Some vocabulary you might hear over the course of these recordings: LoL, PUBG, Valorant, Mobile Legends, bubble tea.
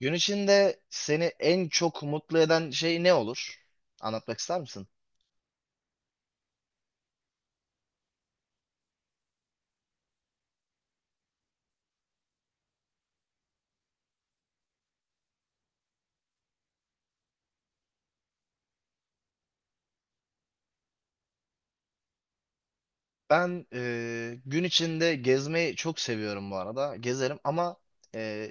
Gün içinde seni en çok mutlu eden şey ne olur? Anlatmak ister misin? Ben gün içinde gezmeyi çok seviyorum bu arada. Gezerim ama e,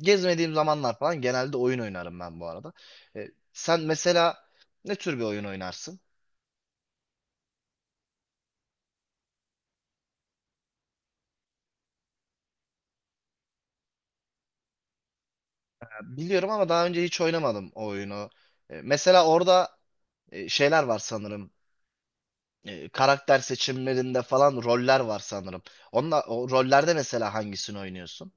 gezmediğim zamanlar falan genelde oyun oynarım ben bu arada. E, Sen mesela ne tür bir oyun oynarsın? Ya biliyorum ama daha önce hiç oynamadım o oyunu. Mesela orada şeyler var sanırım. Karakter seçimlerinde falan roller var sanırım. Onunla, o rollerde mesela hangisini oynuyorsun?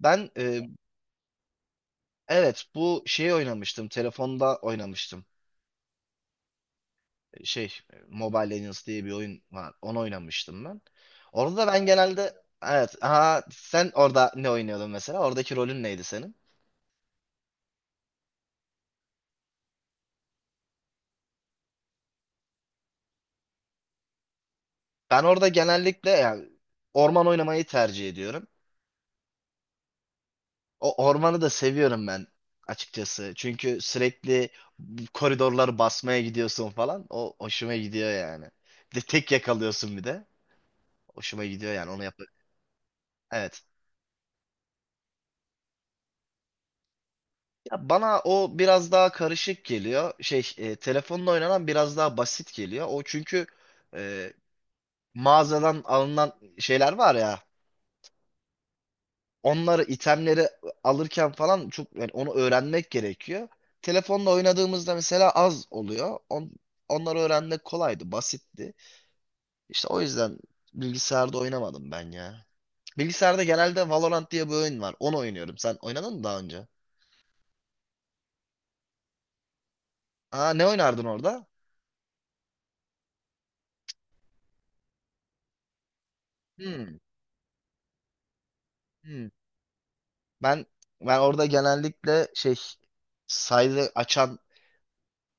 Ben e, Evet, bu şeyi oynamıştım. Telefonda oynamıştım. Şey, Mobile Legends diye bir oyun var. Onu oynamıştım ben. Orada da ben genelde Evet, aha, sen orada ne oynuyordun mesela? Oradaki rolün neydi senin? Ben orada genellikle yani orman oynamayı tercih ediyorum. O ormanı da seviyorum ben açıkçası. Çünkü sürekli bu koridorları basmaya gidiyorsun falan. O hoşuma gidiyor yani. Bir de tek yakalıyorsun bir de. Hoşuma gidiyor yani onu yap. Evet. Ya bana o biraz daha karışık geliyor. Telefonla oynanan biraz daha basit geliyor. O çünkü e, mağazadan alınan şeyler var ya. Onları, itemleri alırken falan çok yani onu öğrenmek gerekiyor. Telefonla oynadığımızda mesela az oluyor. Onları öğrenmek kolaydı, basitti. İşte o yüzden bilgisayarda oynamadım ben ya. Bilgisayarda genelde Valorant diye bir oyun var. Onu oynuyorum. Sen oynadın mı daha önce? Aa, ne oynardın orada? Hmm, hmm. Ben ben orada genellikle şey, sayı açan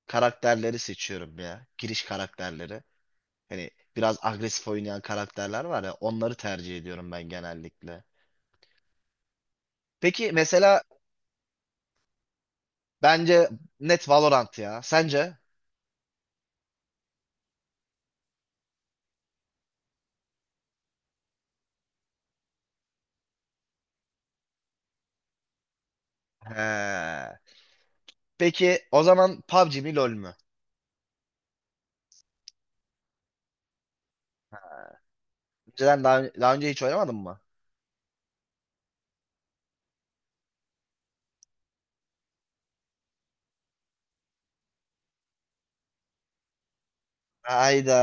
karakterleri seçiyorum ya. Giriş karakterleri. Hani biraz agresif oynayan karakterler var ya, onları tercih ediyorum ben genellikle. Peki mesela bence net Valorant ya. Sence? He. Peki o zaman PUBG mi LoL mü? Önceden daha önce hiç oynamadın mı? Hayda.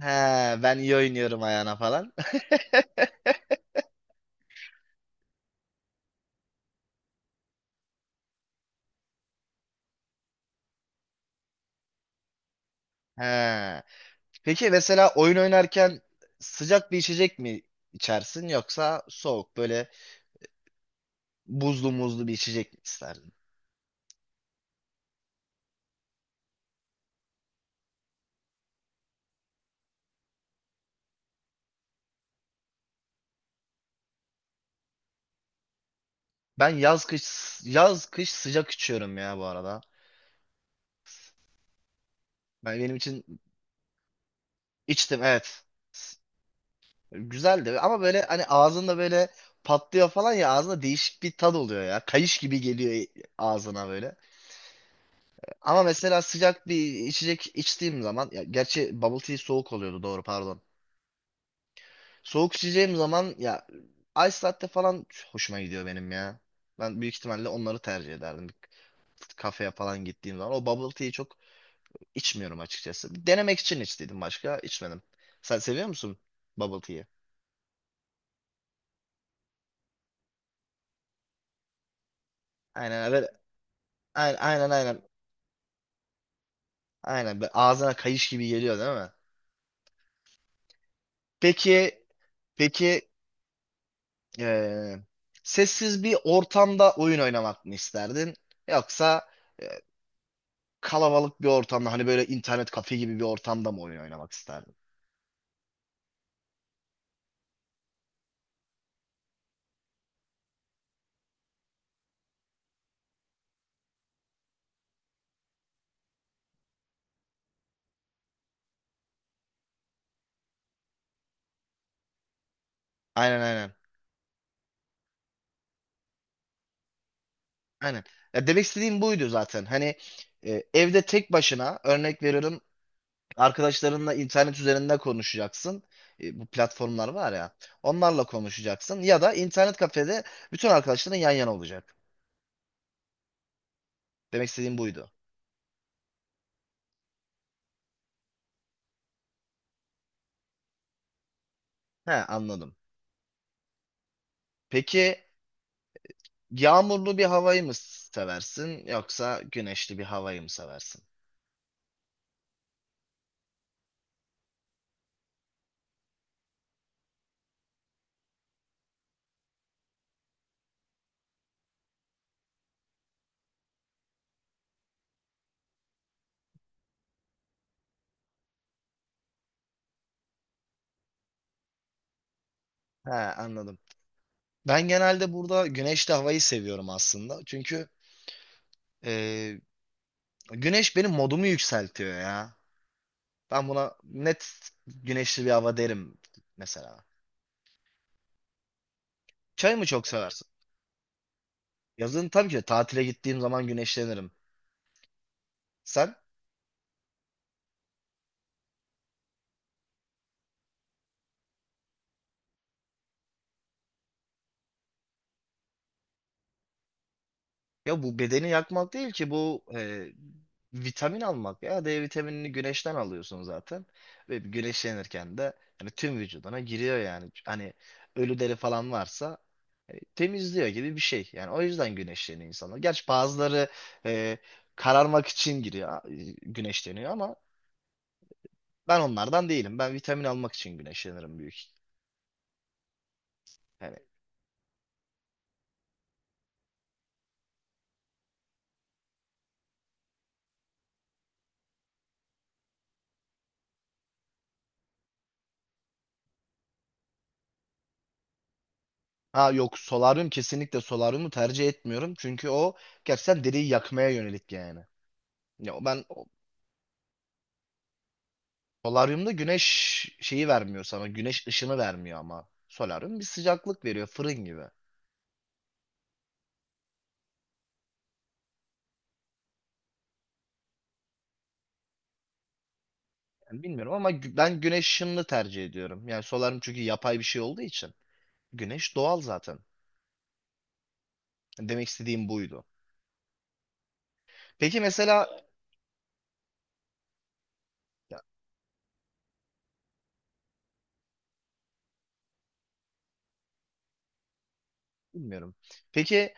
He, ben iyi oynuyorum ayağına falan. He. Peki mesela oyun oynarken sıcak bir içecek mi içersin yoksa soğuk böyle buzlu muzlu bir içecek mi isterdin? Ben yaz kış sıcak içiyorum ya bu arada. Ben benim için içtim evet. Güzeldi ama böyle hani ağzında böyle patlıyor falan ya, ağzında değişik bir tad oluyor ya. Kayış gibi geliyor ağzına böyle. Ama mesela sıcak bir içecek içtiğim zaman ya, gerçi bubble tea soğuk oluyordu, doğru, pardon. Soğuk içeceğim zaman ya ice latte falan hoşuma gidiyor benim ya. Ben büyük ihtimalle onları tercih ederdim. Bir kafeye falan gittiğim zaman. O bubble tea'yi çok içmiyorum açıkçası. Denemek için içtiydim, başka içmedim. Sen seviyor musun bubble tea'yi? Aynen böyle, aynen aynen aynen. Aynen böyle ağzına kayış gibi geliyor değil mi? Peki peki, eee, sessiz bir ortamda oyun oynamak mı isterdin? Yoksa kalabalık bir ortamda hani böyle internet kafe gibi bir ortamda mı oyun oynamak isterdin? Aynen, aynen. Aynen. Ya demek istediğim buydu zaten. Hani evde tek başına, örnek veriyorum, arkadaşlarınla internet üzerinde konuşacaksın. Bu platformlar var ya. Onlarla konuşacaksın ya da internet kafede bütün arkadaşların yan yana olacak. Demek istediğim buydu. He, anladım. Peki, yağmurlu bir havayı mı seversin yoksa güneşli bir havayı mı seversin? He, anladım. Ben genelde burada güneşli havayı seviyorum aslında. Çünkü e, güneş benim modumu yükseltiyor ya. Ben buna net güneşli bir hava derim mesela. Çay mı çok seversin? Yazın tabii ki de tatile gittiğim zaman güneşlenirim. Sen? Ya bu bedeni yakmak değil ki bu, vitamin almak ya. D vitaminini güneşten alıyorsun zaten. Ve güneşlenirken de hani tüm vücuduna giriyor yani. Hani ölü deri falan varsa temizliyor gibi bir şey. Yani o yüzden güneşleniyor insanlar. Gerçi bazıları e, kararmak için giriyor, güneşleniyor ama ben onlardan değilim. Ben vitamin almak için güneşlenirim büyük. Yani. Ha, yok, solaryum kesinlikle, solaryumu tercih etmiyorum. Çünkü o gerçekten deriyi yakmaya yönelik yani. Ya ben Solaryumda güneş şeyi vermiyor sana. Güneş ışını vermiyor ama. Solaryum bir sıcaklık veriyor, fırın gibi. Yani bilmiyorum ama ben güneş ışınını tercih ediyorum. Yani solaryum çünkü yapay bir şey olduğu için. Güneş doğal zaten. Demek istediğim buydu. Peki mesela, ya bilmiyorum. Peki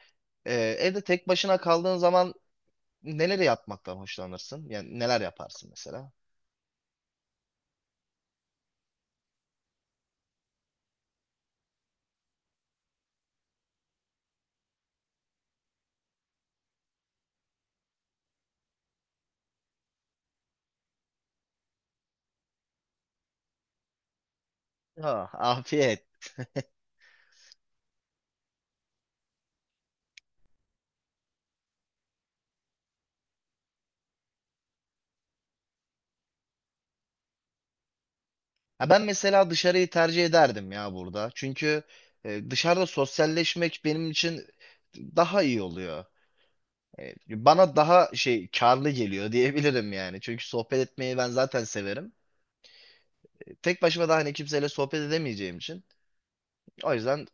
evde tek başına kaldığın zaman neleri yapmaktan hoşlanırsın? Yani neler yaparsın mesela? Ah, afiyet. Ha, ben mesela dışarıyı tercih ederdim ya burada. Çünkü dışarıda sosyalleşmek benim için daha iyi oluyor. Bana daha şey, karlı geliyor diyebilirim yani. Çünkü sohbet etmeyi ben zaten severim. Tek başıma da hani kimseyle sohbet edemeyeceğim için. O yüzden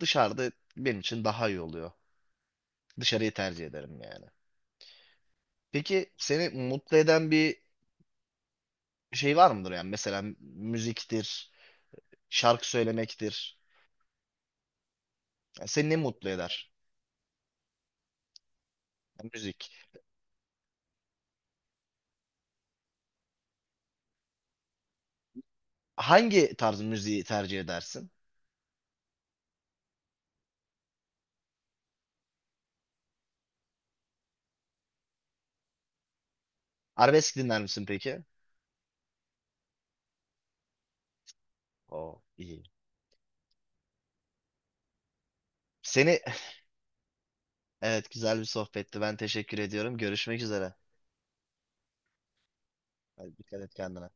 dışarıda benim için daha iyi oluyor. Dışarıyı tercih ederim yani. Peki seni mutlu eden bir şey var mıdır yani? Mesela müziktir, şarkı söylemektir. Yani seni ne mutlu eder? Yani müzik. Hangi tarz müziği tercih edersin? Arabesk dinler misin peki? Oo, iyi. Seni, evet, güzel bir sohbetti. Ben teşekkür ediyorum. Görüşmek üzere. Hadi, dikkat et kendine.